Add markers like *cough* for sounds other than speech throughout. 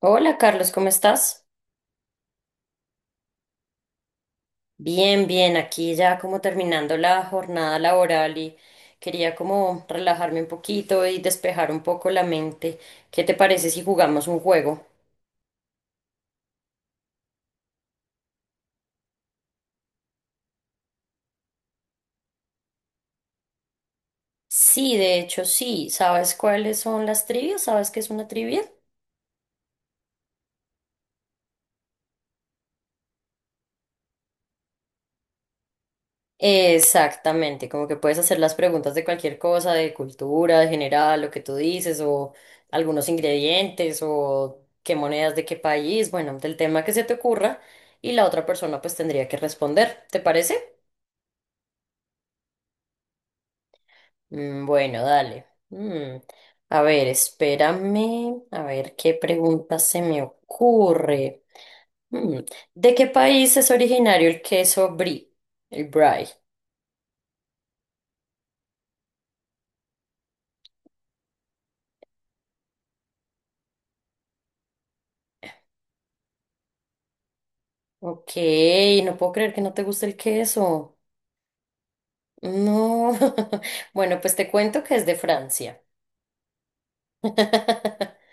Hola Carlos, ¿cómo estás? Bien, bien, aquí ya como terminando la jornada laboral y quería como relajarme un poquito y despejar un poco la mente. ¿Qué te parece si jugamos un juego? Sí, de hecho sí. ¿Sabes cuáles son las trivias? ¿Sabes qué es una trivia? Exactamente, como que puedes hacer las preguntas de cualquier cosa, de cultura, de general, lo que tú dices, o algunos ingredientes, o qué monedas de qué país, bueno, del tema que se te ocurra, y la otra persona pues tendría que responder, ¿te parece? Mm, bueno, dale. A ver, espérame, a ver qué pregunta se me ocurre. Mm, ¿De qué país es originario el queso brie? El brie. Ok, no puedo creer que no te guste el queso. No, *laughs* bueno, pues te cuento que es de Francia, *laughs*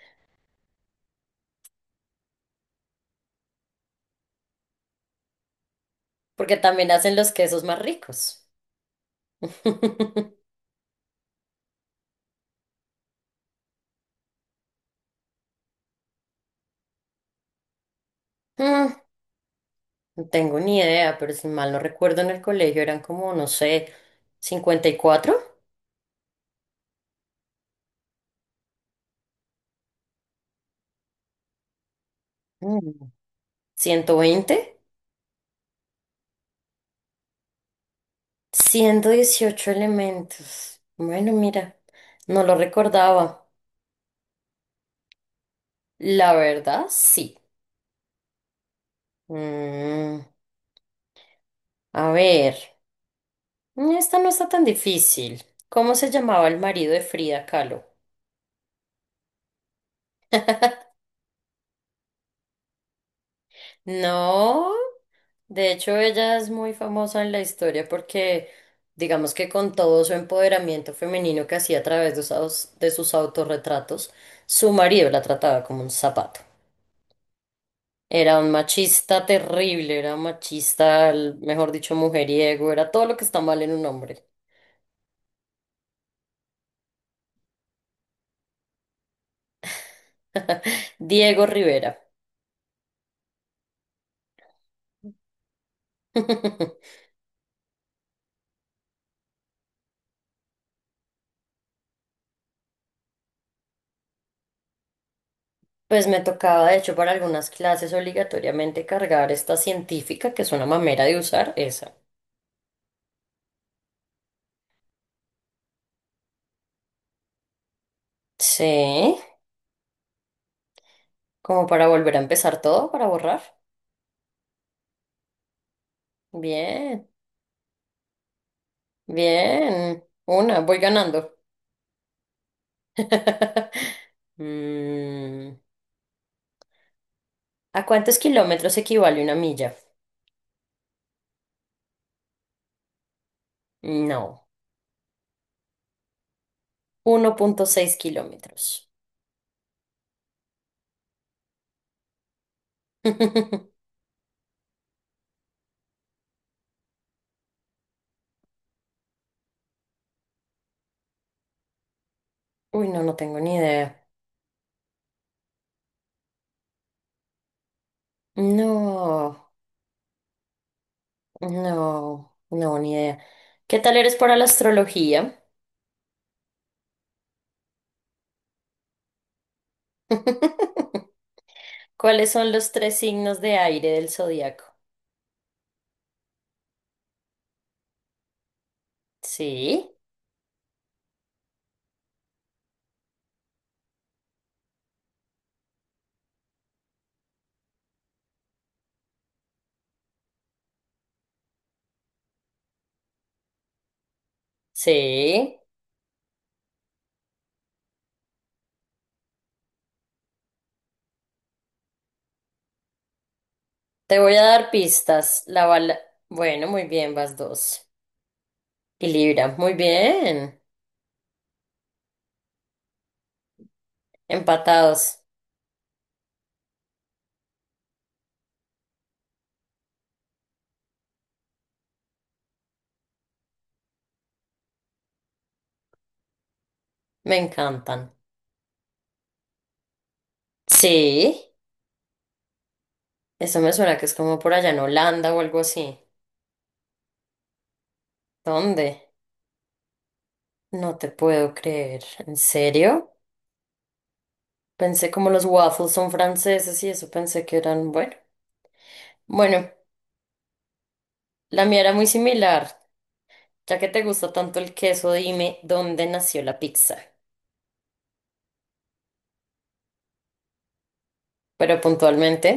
porque también hacen los quesos más ricos. *laughs* Mm, No tengo ni idea, pero si mal no recuerdo en el colegio eran como, no sé, 54, mm, 120, 118 elementos. Bueno, mira, no lo recordaba. La verdad, sí. Mm, a ver, esta no está tan difícil. ¿Cómo se llamaba el marido de Frida Kahlo? No, de hecho ella es muy famosa en la historia porque digamos que con todo su empoderamiento femenino que hacía a través de de sus autorretratos, su marido la trataba como un zapato. Era un machista terrible, era un machista, mejor dicho, mujeriego, era todo lo que está mal en un hombre. Diego Rivera. *laughs* Pues me tocaba, de hecho, para algunas clases obligatoriamente cargar esta científica, que es una mamera de usar, esa. Sí. Como para volver a empezar todo, para borrar. Bien, bien. Una, voy ganando. *laughs* Mm, ¿A cuántos kilómetros equivale una milla? No, 1,6 kilómetros. *laughs* Uy, no, no tengo ni idea. No, no, no, ni idea. ¿Qué tal eres para la astrología? *laughs* ¿Cuáles son los tres signos de aire del zodiaco? Sí, sí. Te voy a dar pistas. La bala. Bueno, muy bien, vas dos. Y Libra, muy bien. Empatados. Me encantan. Sí, eso me suena que es como por allá en Holanda o algo así. ¿Dónde? No te puedo creer. ¿En serio? Pensé como los waffles son franceses y eso pensé que eran, bueno. Bueno, la mía era muy similar. Ya que te gusta tanto el queso, dime dónde nació la pizza. Pero puntualmente.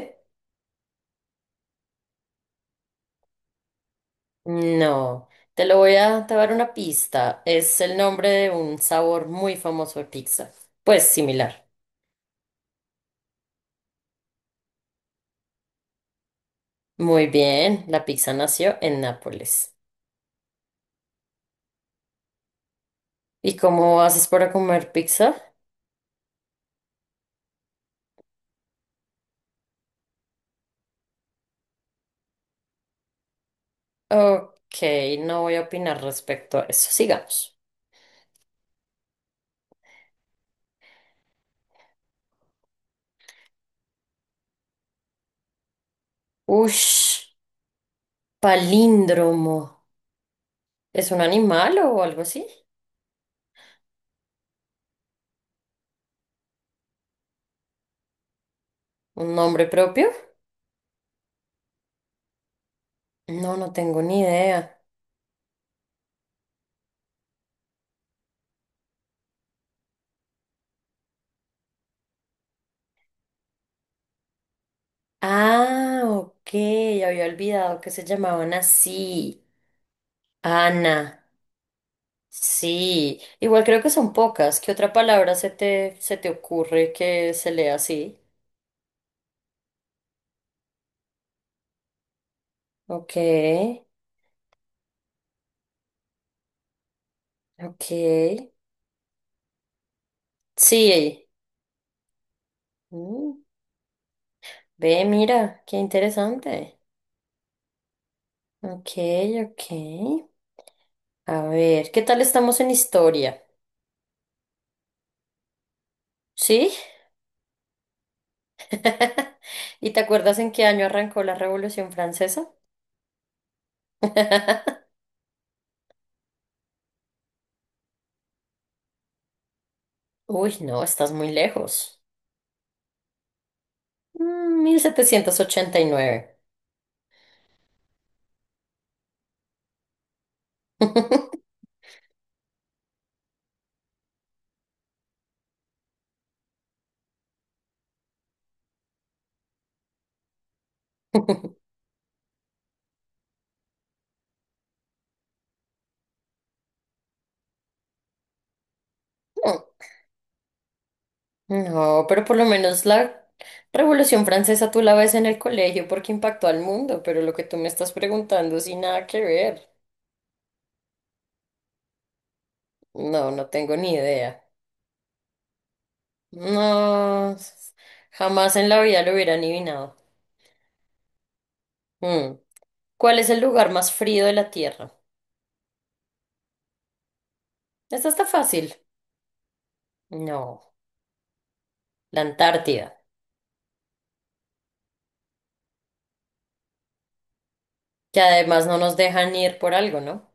No, te voy a dar una pista. Es el nombre de un sabor muy famoso de pizza. Pues similar. Muy bien, la pizza nació en Nápoles. ¿Y cómo haces para comer pizza? Ok, no voy a opinar respecto a eso. Sigamos. Ush, palíndromo. ¿Es un animal o algo así? ¿Un nombre propio? No, no tengo ni idea. Ah, ok, había olvidado que se llamaban así. Ana. Sí, igual creo que son pocas. ¿Qué otra palabra se te ocurre que se lea así? Ok, ok. Sí. Mm, ve, mira, qué interesante. Ok, ok. A ver, ¿qué tal estamos en historia? ¿Sí? *laughs* ¿Y te acuerdas en qué año arrancó la Revolución Francesa? Uy, no, estás muy lejos. Mm, 1789. *laughs* No, pero por lo menos la Revolución Francesa tú la ves en el colegio porque impactó al mundo, pero lo que tú me estás preguntando sin nada que ver. No, no tengo ni idea. No, jamás en la vida lo hubiera adivinado. Mm. ¿Cuál es el lugar más frío de la Tierra? Esta está fácil. No, la Antártida, que además no nos dejan ir por algo, ¿no?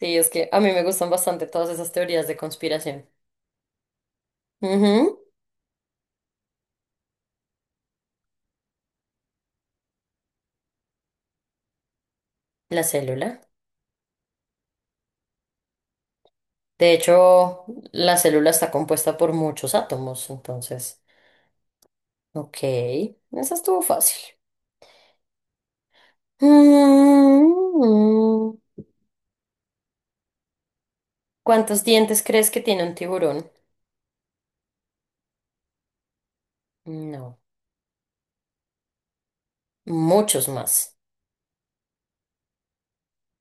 Sí, es que a mí me gustan bastante todas esas teorías de conspiración. Ujú. La célula. De hecho, la célula está compuesta por muchos átomos, entonces. Ok, esa estuvo fácil. Mm, ¿Cuántos dientes crees que tiene un tiburón? No, muchos más.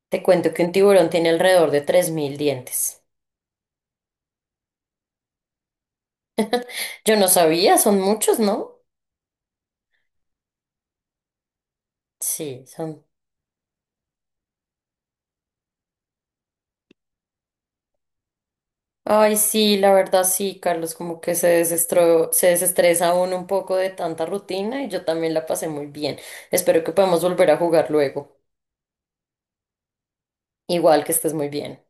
Te cuento que un tiburón tiene alrededor de 3000 dientes. Yo no sabía, son muchos, ¿no? Sí, son. Ay, sí, la verdad sí, Carlos, como que se desestresa uno un poco de tanta rutina y yo también la pasé muy bien. Espero que podamos volver a jugar luego. Igual que estés muy bien.